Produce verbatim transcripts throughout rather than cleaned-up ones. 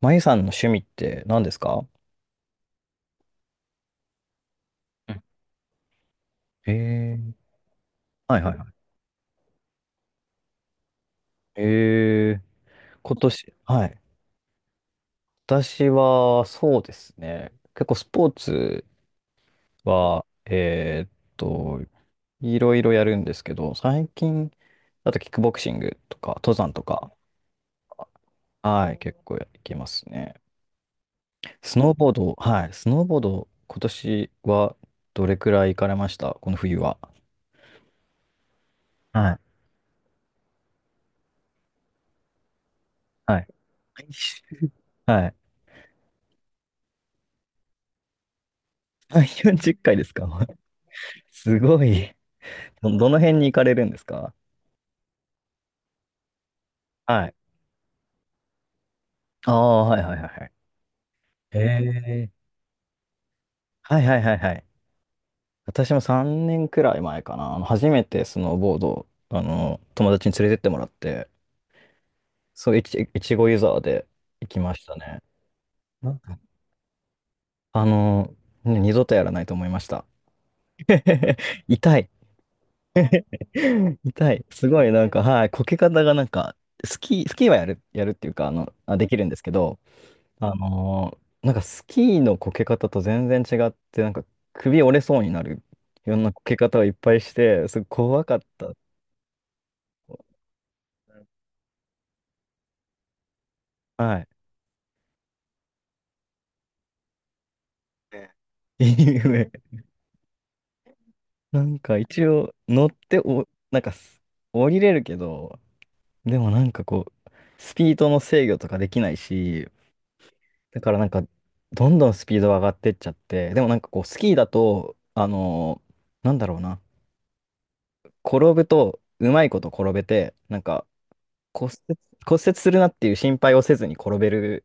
まゆさんの趣味って何ですか？ええー、はいはいはい。ええ。今年、はい。私は、そうですね。結構スポーツは、えーっと、いろいろやるんですけど、最近、あとキックボクシングとか、登山とか、はい、結構やってますね。スノーボード、はい、スノーボード、今年はどれくらい行かれましたこの冬は？はい。はい。はい。さんじゅう、よんじゅっかいですか？ すごい。ど、どの辺に行かれるんですか？はい。ああ、はいはいはいはい。へえ。はいはいはいはい。私もさんねんくらい前かな。あの初めてスノーボードを、あの、友達に連れてってもらって、そう、いち、いちごユーザーで行きましたね。なんか、あの、ね、二度とやらないと思いました。痛い。痛い。すごい、なんか、はい、こけ方がなんか、スキー、スキーはやる、やるっていうか、あの、あ、できるんですけど、あのーなんかスキーのこけ方と全然違って、なんか首折れそうになるいろんなこけ方をいっぱいして、すごい怖かった。はい。ね、いい上、なんか一応乗ってお、なんかす降りれるけど、でもなんかこう、スピードの制御とかできないし、だからなんか、どんどんスピードが上がってっちゃって、でもなんかこう、スキーだと、あのーなんだろうな、転ぶと、うまいこと転べて、なんか、骨折、骨折するなっていう心配をせずに転べる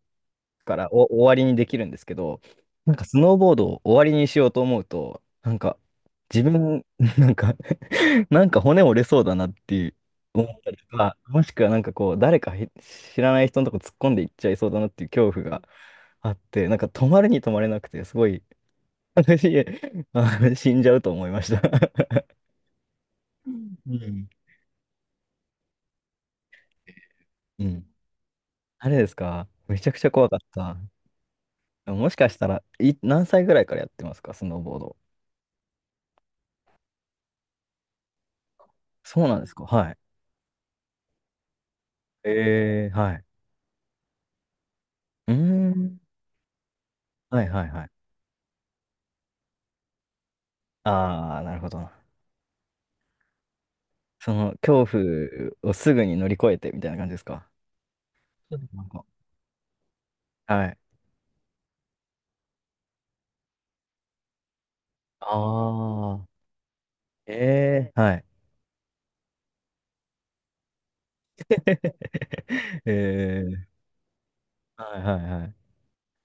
から、お終わりにできるんですけど、なんかスノーボードを終わりにしようと思うと、なんか自分、なんか なんか骨折れそうだなっていう思ったりとか、もしくはなんかこう、誰かへ、知らない人のとこ突っ込んでいっちゃいそうだなっていう恐怖があって、なんか止まるに止まれなくて、すごい、私、あの死んじゃうと思いました。 うん。うん。あれですか？めちゃくちゃ怖かった。もしかしたら、い、何歳ぐらいからやってますか、スノーボード。そうなんですか。はい。えー、はい。うーん。はいはいはい。ああ、なるほど。その恐怖をすぐに乗り越えてみたいな感じですか。そうですなんか、はい。ああ、ええ、はい。ええ、はいはいはい。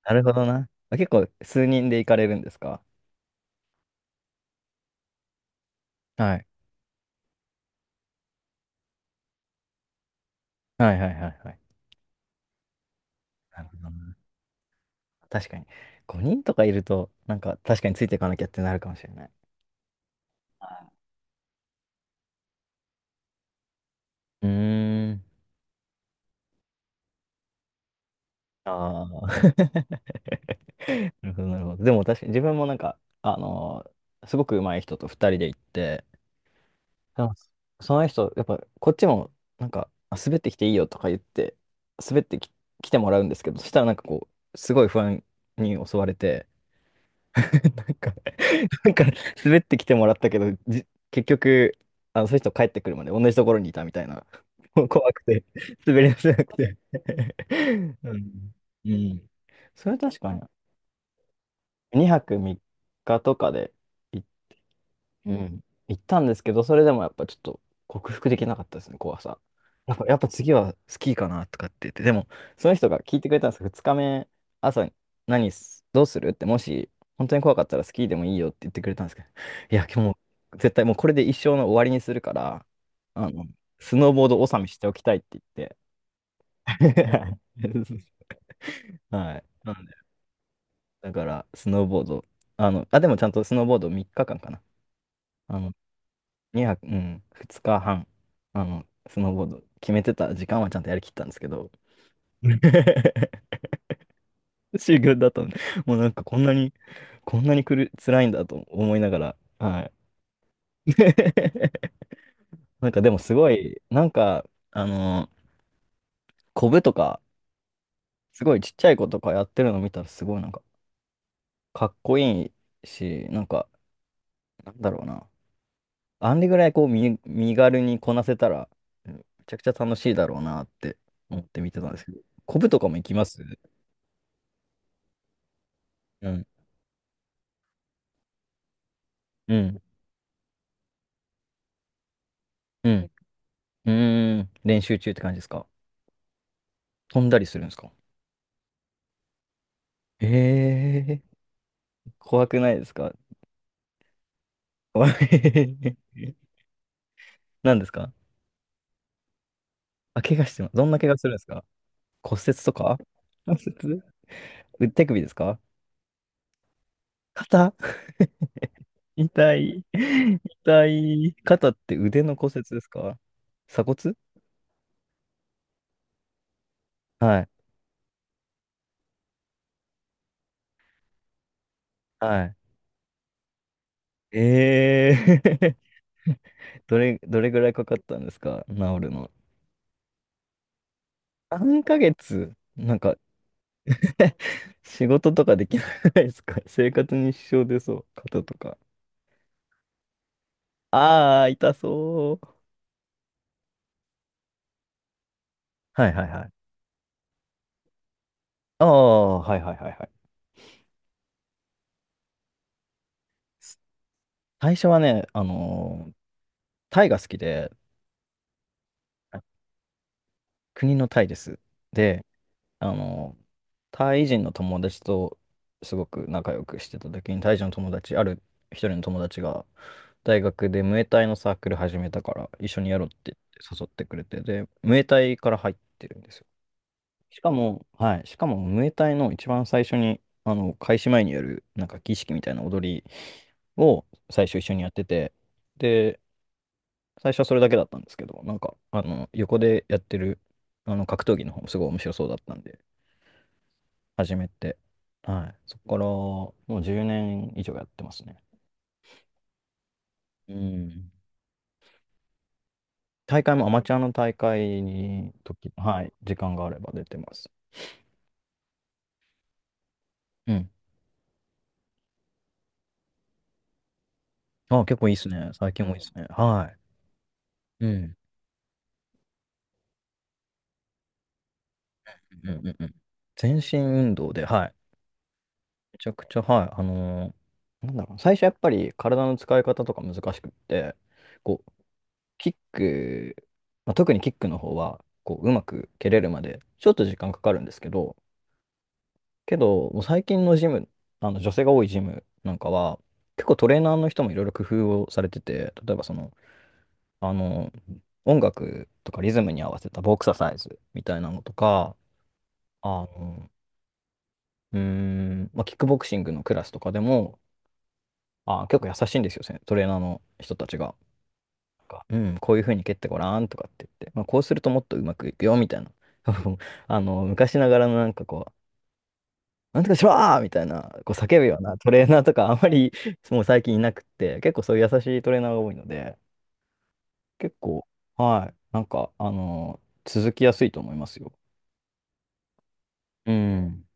なるほどな。あ、結構数人で行かれるんですか？はい。はいはいはいはい。なるほどな。確かに。ごにんとかいると、なんか確かについていかなきゃってなるかもしれない。うーん。ああ。なるほど、なるほど。でも確かに自分もなんか、あのーすごく上手い人と二人で行って、でもその人、やっぱこっちもなんか、あ、滑ってきていいよとか言って、滑ってき、来てもらうんですけど、そしたらなんかこう、すごい不安に襲われて、なんかなんか滑ってきてもらったけど、じ、結局、あの、その人帰ってくるまで同じところにいたみたいな。もう怖くて、滑り出せなくて。 うん。うん。それ確かに、にはくみっかとかで行っうん。行ったんですけど、それでもやっぱちょっと克服できなかったですね、怖さ。やっぱ、やっぱ次はスキーかなとかって言って、でも、その人が聞いてくれたんですけど、ふつかめ、朝に、何す、どうするって、もし、本当に怖かったらスキーでもいいよって言ってくれたんですけど、いや、今日もう、絶対もうこれで一生の終わりにするから、あの、スノーボード納めしておきたいって言って。はい。なんで、だから、スノーボード、あの、あ、でもちゃんとスノーボードみっかかんかんかな。あの、にはく、うん、ふつかはん、あの、スノーボード、決めてた時間はちゃんとやりきったんですけど、うん、修行 だったので、もうなんかこんなに、こんなにくる、辛いんだと思いながら、はい。なんかでもすごい、なんか、あの、コブとか、すごいちっちゃい子とかやってるの見たら、すごいなんか、かっこいいし、なんか、なんだろうな。あんでぐらいこう、身、身軽にこなせたら、うん、めちゃくちゃ楽しいだろうなって思って見てたんですけど、コブとかも行きます？うん、うん、うん、うーん、練習中って感じですか？飛んだりするんですか？ええー、怖くないですか？怖い。 何ですか？あ、怪我してます。どんな怪我するんですか？骨折とか。骨折う手首ですか？肩。 痛い。痛い。肩って腕の骨折ですか？鎖骨。はい。はい。ええー。 どれ、どれぐらいかかったんですか、治るの。さんかげつ。なんか、仕事とかできないですか？生活に支障出そう。肩とか。ああ、痛そう。はいはいはい。ああ、はいはいはいはい。最初はね、あのータイが好きで、あ、国のタイです。で、あのータイ人の友達とすごく仲良くしてた時に、タイ人の友達、ある一人の友達が、大学でムエタイのサークル始めたから、一緒にやろうって言って誘ってくれて、で、ムエタイから入ってるんですよ。しかも、はい、しかも、ムエタイの一番最初に、あの、開始前にやる、なんか儀式みたいな踊りを最初一緒にやってて、で、最初はそれだけだったんですけど、なんか、あの、横でやってる、あの、格闘技の方もすごい面白そうだったんで、始めて、はい、そこから、もうじゅうねん以上やってますね。うん。大会もアマチュアの大会に、時、はい、時間があれば出てます。うん。あ、結構いいですね。最近もいいですね。はい。うん。うんうんうん。全身運動で、はい。めちゃくちゃ、はい。あのーなんだろう。最初やっぱり体の使い方とか難しくって、こう、キック、まあ、特にキックの方は、こう、うまく蹴れるまで、ちょっと時間かかるんですけど、けど、もう最近のジム、あの、女性が多いジムなんかは、結構トレーナーの人もいろいろ工夫をされてて、例えばその、あの、音楽とかリズムに合わせたボクササイズみたいなのとか、あのうーん、まあ、キックボクシングのクラスとかでも、あー、結構優しいんですよ、せトレーナーの人たちが。なんか、うん、こういう風に蹴ってごらんとかって言って、まあ、こうするともっとうまくいくよ、みたいな。あの、昔ながらのなんかこう、なんとかしろーみたいな、こう叫ぶようなトレーナーとかあんまり、 もう最近いなくって、結構そういう優しいトレーナーが多いので、結構、はい、なんか、あの、続きやすいと思いますよ。うん。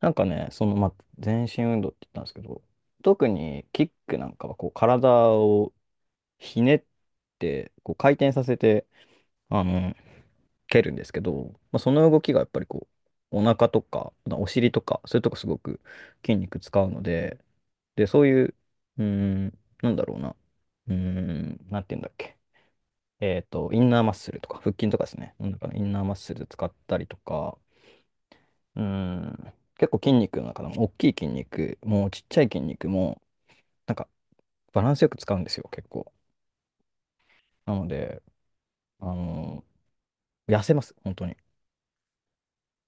なんかね、その、まあ、全身運動って言ったんですけど、特にキックなんかはこう体をひねって、こう回転させて、あの、蹴るんですけど、まあ、その動きがやっぱりこう、お腹とか、まあお尻とか、そういうとこすごく筋肉使うので、で、そういう、うーん、なんだろうな、うーん、なんて言うんだっけ、えっと、インナーマッスルとか、腹筋とかですね、なんかインナーマッスル使ったりとか、うん。結構筋肉の中でも、大きい筋肉も、ちっちゃい筋肉も、なんか、バランスよく使うんですよ、結構。なので、あの痩せます、本当に。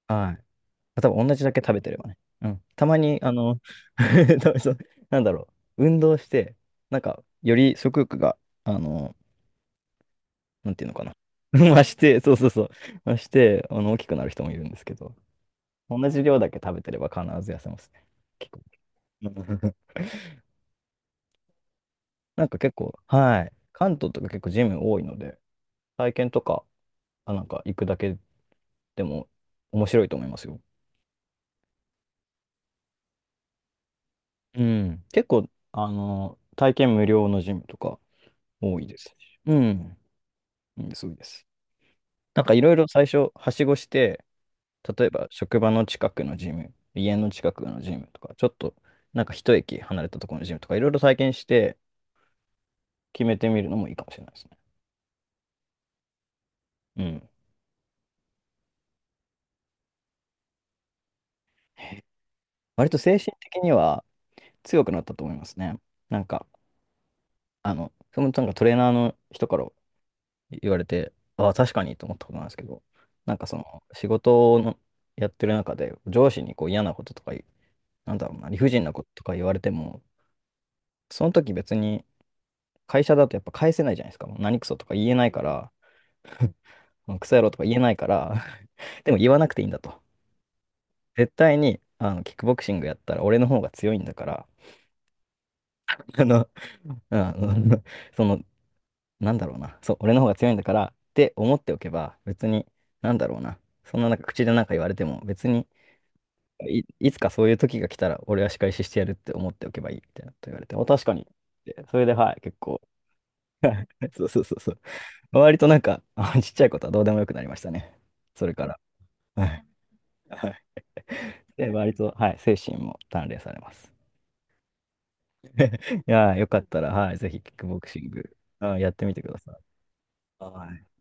はい。多分同じだけ食べてればね。うん。たまに、あの、多分そう、なんだろう、運動して、なんか、より食欲が、あのなんていうのかな。増して、そうそうそう、増して、あの、大きくなる人もいるんですけど、同じ量だけ食べてれば必ず痩せますね。結構。なんか結構、はい。関東とか結構ジム多いので、体験とか、あ、なんか行くだけでも面白いと思いますよ。うん。結構、あの、体験無料のジムとか多いですし。うん。いいですごいです。なんかいろいろ最初、はしごして、例えば職場の近くのジム、家の近くのジムとか、ちょっと、なんか一駅離れたところのジムとか、いろいろ体験して決めてみるのもいいかもしれないですね。うん。割と精神的には強くなったと思いますね。なんか、あの、そのなんかトレーナーの人から言われて、ああ、確かにと思ったことなんですけど、なんかその仕事のやってる中で上司にこう嫌なこととか言う、なんだろうな、理不尽なこととか言われても、その時別に会社だとやっぱ返せないじゃないですか。もう何クソとか言えないから、もうクソ野郎とか言えないから、でも言わなくていいんだと。絶対にあのキックボクシングやったら俺の方が強いんだから、あの、あの、そのなんだろうな、そう、俺の方が強いんだからって思っておけば、別に、なんだろうな、そんななんか口でなんか言われても、別にい、いつかそういう時が来たら、俺は仕返ししてやるって思っておけばいいみたいなこと言われて、お、確かに。で、それで、はい、結構、そうそうそうそう、割となんか、あちっちゃいことはどうでもよくなりましたね。それから、はい、はいで、割と、はい、精神も鍛錬されます。いやー、よかったら、はい、ぜひ、キックボクシング、あ、やってみてください。はい